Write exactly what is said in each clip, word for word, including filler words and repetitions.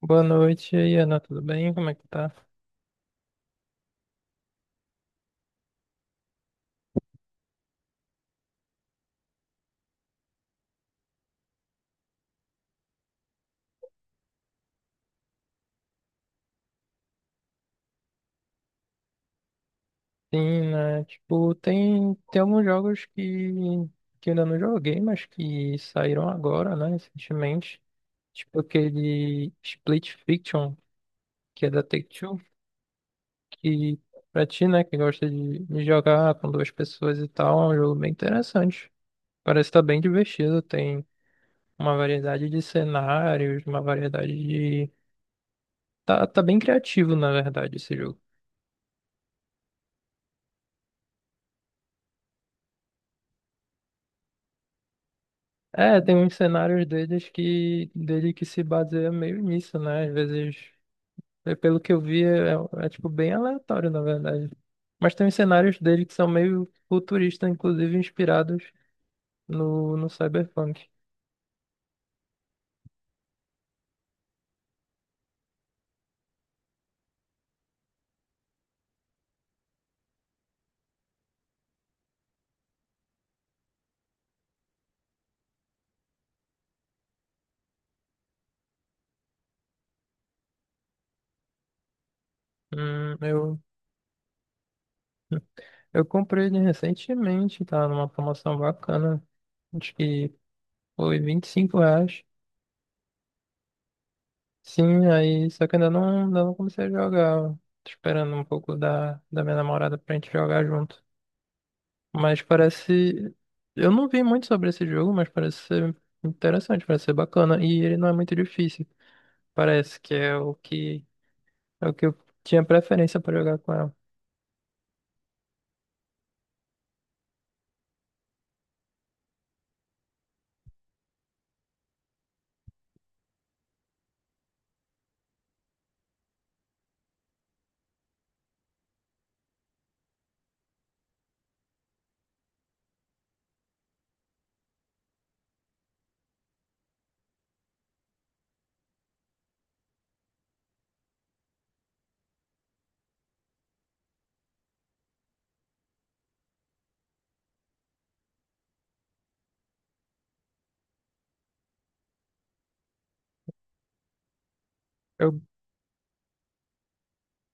Boa noite, e aí, Ana, tudo bem? Como é que tá? Sim, né? Tipo, tem, tem alguns jogos que, que eu ainda não joguei, mas que saíram agora, né? Recentemente. Tipo aquele Split Fiction, que é da Take-Two, que pra ti, né, que gosta de, de jogar com duas pessoas e tal, é um jogo bem interessante. Parece estar tá bem divertido, tem uma variedade de cenários, uma variedade de. Tá, tá bem criativo, na verdade, esse jogo. É, tem uns cenários deles que, dele que se baseia meio nisso, né? Às vezes, é, pelo que eu vi, é, é, é, tipo bem aleatório, na verdade. Mas tem uns cenários dele que são meio futuristas, inclusive inspirados no, no Cyberpunk. Hum, eu, eu comprei ele recentemente, tá? Numa promoção bacana. Acho que foi vinte e cinco reais. Sim, aí só que ainda não, ainda não comecei a jogar. Tô esperando um pouco da, da minha namorada pra gente jogar junto. Mas parece. Eu não vi muito sobre esse jogo, mas parece ser interessante, parece ser bacana. E ele não é muito difícil. Parece que é o que é o que eu tinha preferência para jogar com ela. Eu,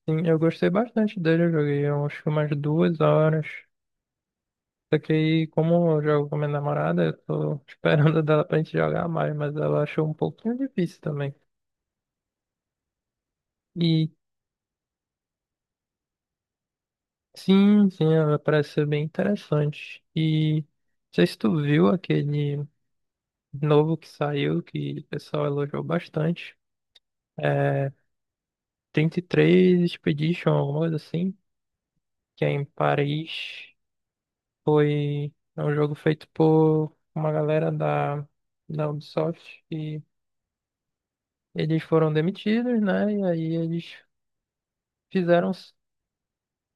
sim, eu gostei bastante dele, eu joguei eu acho que umas duas horas. Só que aí, como eu jogo com minha namorada, eu tô esperando dela pra gente jogar mais, mas ela achou um pouquinho difícil também. E sim, sim, ela parece ser bem interessante. E não sei se tu viu aquele novo que saiu, que o pessoal elogiou bastante. É trinta e três Expedition, alguma coisa assim, que é em Paris. Foi é um jogo feito por uma galera da, da Ubisoft e eles foram demitidos, né? E aí eles fizeram.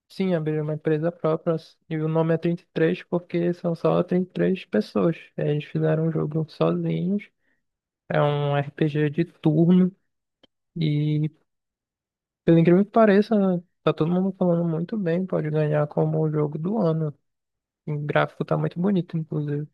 Sim, abrir uma empresa própria. E o nome é trinta e três porque são só trinta e três pessoas. Eles fizeram um jogo sozinhos. É um R P G de turno. E pelo incrível que pareça, tá todo mundo falando muito bem, pode ganhar como o jogo do ano. O gráfico tá muito bonito, inclusive.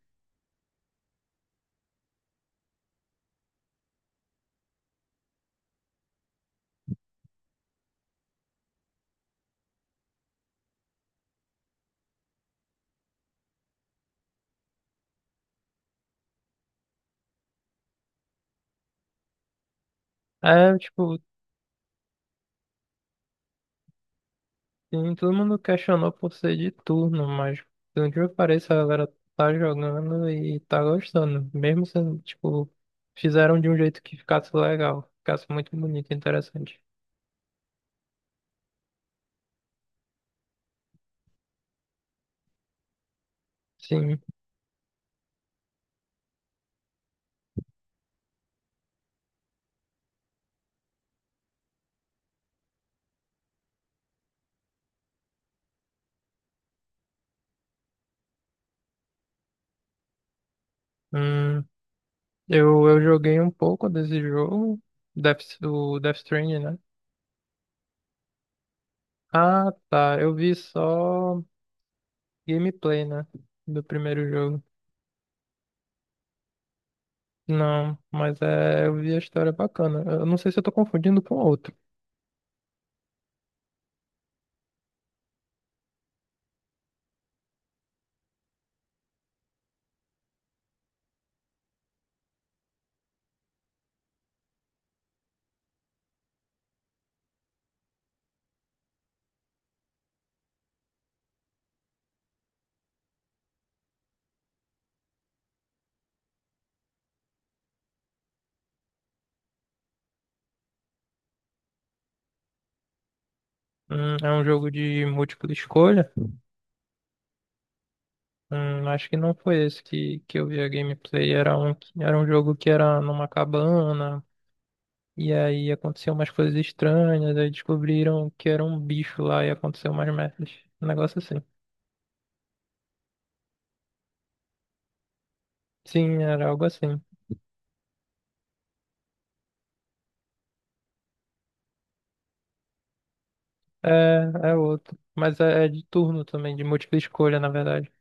É, tipo, sim, todo mundo questionou por ser de turno, mas pelo incrível que pareça, a galera tá jogando e tá gostando. Mesmo sendo, tipo, fizeram de um jeito que ficasse legal, ficasse muito bonito e interessante. Sim, hum, eu, eu joguei um pouco desse jogo, Death, o Death Stranding, né? Ah, tá, eu vi só. Gameplay, né? Do primeiro jogo. Não, mas é, eu vi a história bacana. Eu não sei se eu tô confundindo com outro. Hum, é um jogo de múltipla escolha. Hum, acho que não foi esse que, que eu vi a gameplay. Era um, que- era um jogo que era numa cabana. E aí aconteciam umas coisas estranhas. Aí descobriram que era um bicho lá e aconteceu umas merdas. Um negócio assim. Sim, era algo assim. É, é outro. Mas é, é de turno também, de múltipla escolha, na verdade.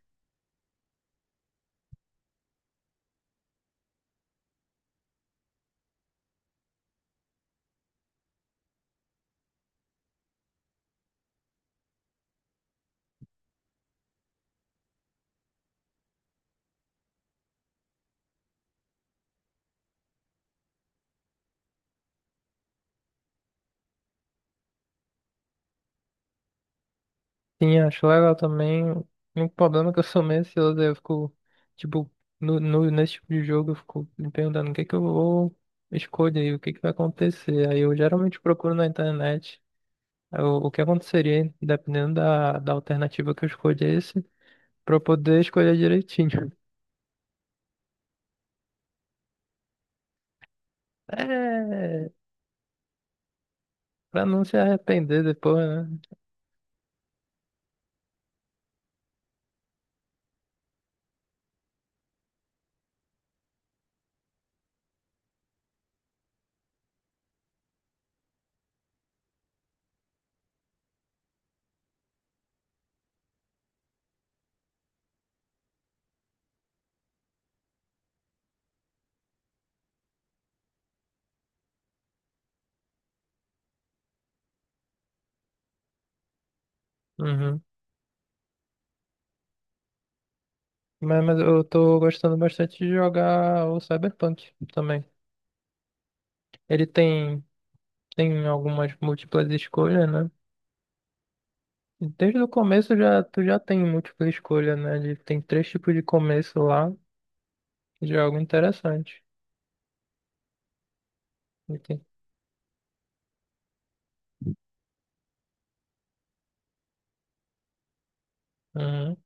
Sim, acho legal também. O problema é que eu sou meio ansioso, aí eu fico, tipo, no, no- nesse tipo de jogo, eu fico me perguntando o que é que eu vou escolher aí, o que é que vai acontecer. Aí eu geralmente procuro na internet é, o, o que aconteceria, dependendo da, da alternativa que eu escolhesse, pra eu poder escolher direitinho. É, pra não se arrepender depois, né? Uhum. Mas, mas eu tô gostando bastante de jogar o Cyberpunk também. Ele tem, tem algumas múltiplas escolhas, né? Desde o começo já, tu já tem múltipla escolha, né? De- tem três tipos de começo lá, de algo interessante. E tem- Uhum.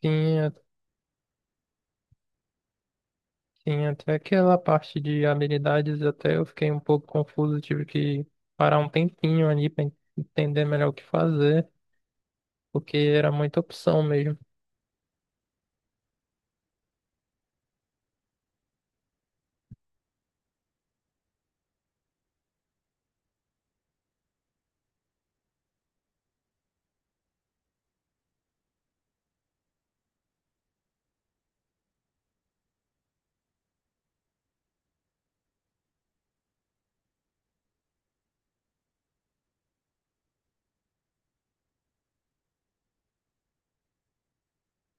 Tinha, tinha até aquela parte de habilidades, até eu fiquei um pouco confuso, tive que parar um tempinho ali para entender melhor o que fazer, porque era muita opção mesmo.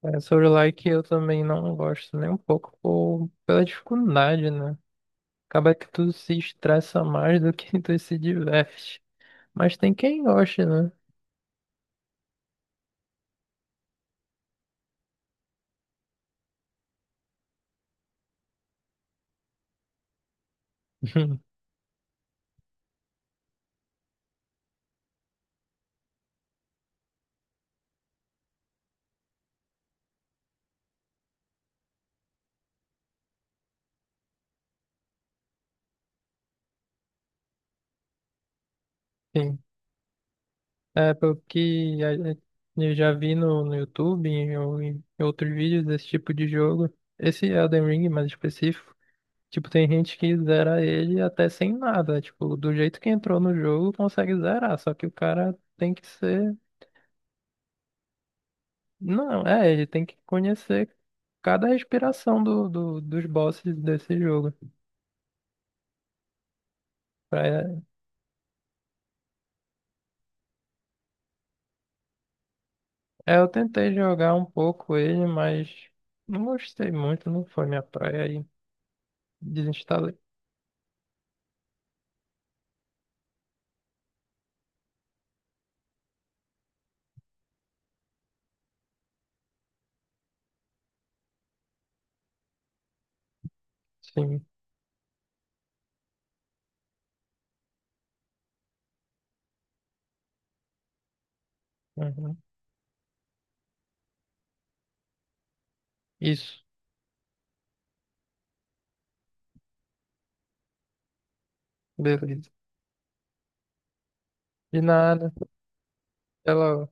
É, sobre o like eu também não gosto nem um pouco por, pela dificuldade, né? Acaba que tu se estressa mais do que tu se diverte. Mas tem quem goste, né? Sim. É, pelo que a- a- eu já vi no, no YouTube em- ou em outros vídeos desse tipo de jogo, esse Elden Ring mais específico, tipo, tem gente que zera ele até sem nada, tipo, do jeito que entrou no jogo consegue zerar, só que o cara tem que ser. Não, é, ele tem que conhecer cada respiração do, do- dos bosses desse jogo. Pra- É, eu tentei jogar um pouco ele, mas não gostei muito, não foi minha praia e desinstalei. Sim. Uhum. Isso, beleza. De nada, até logo.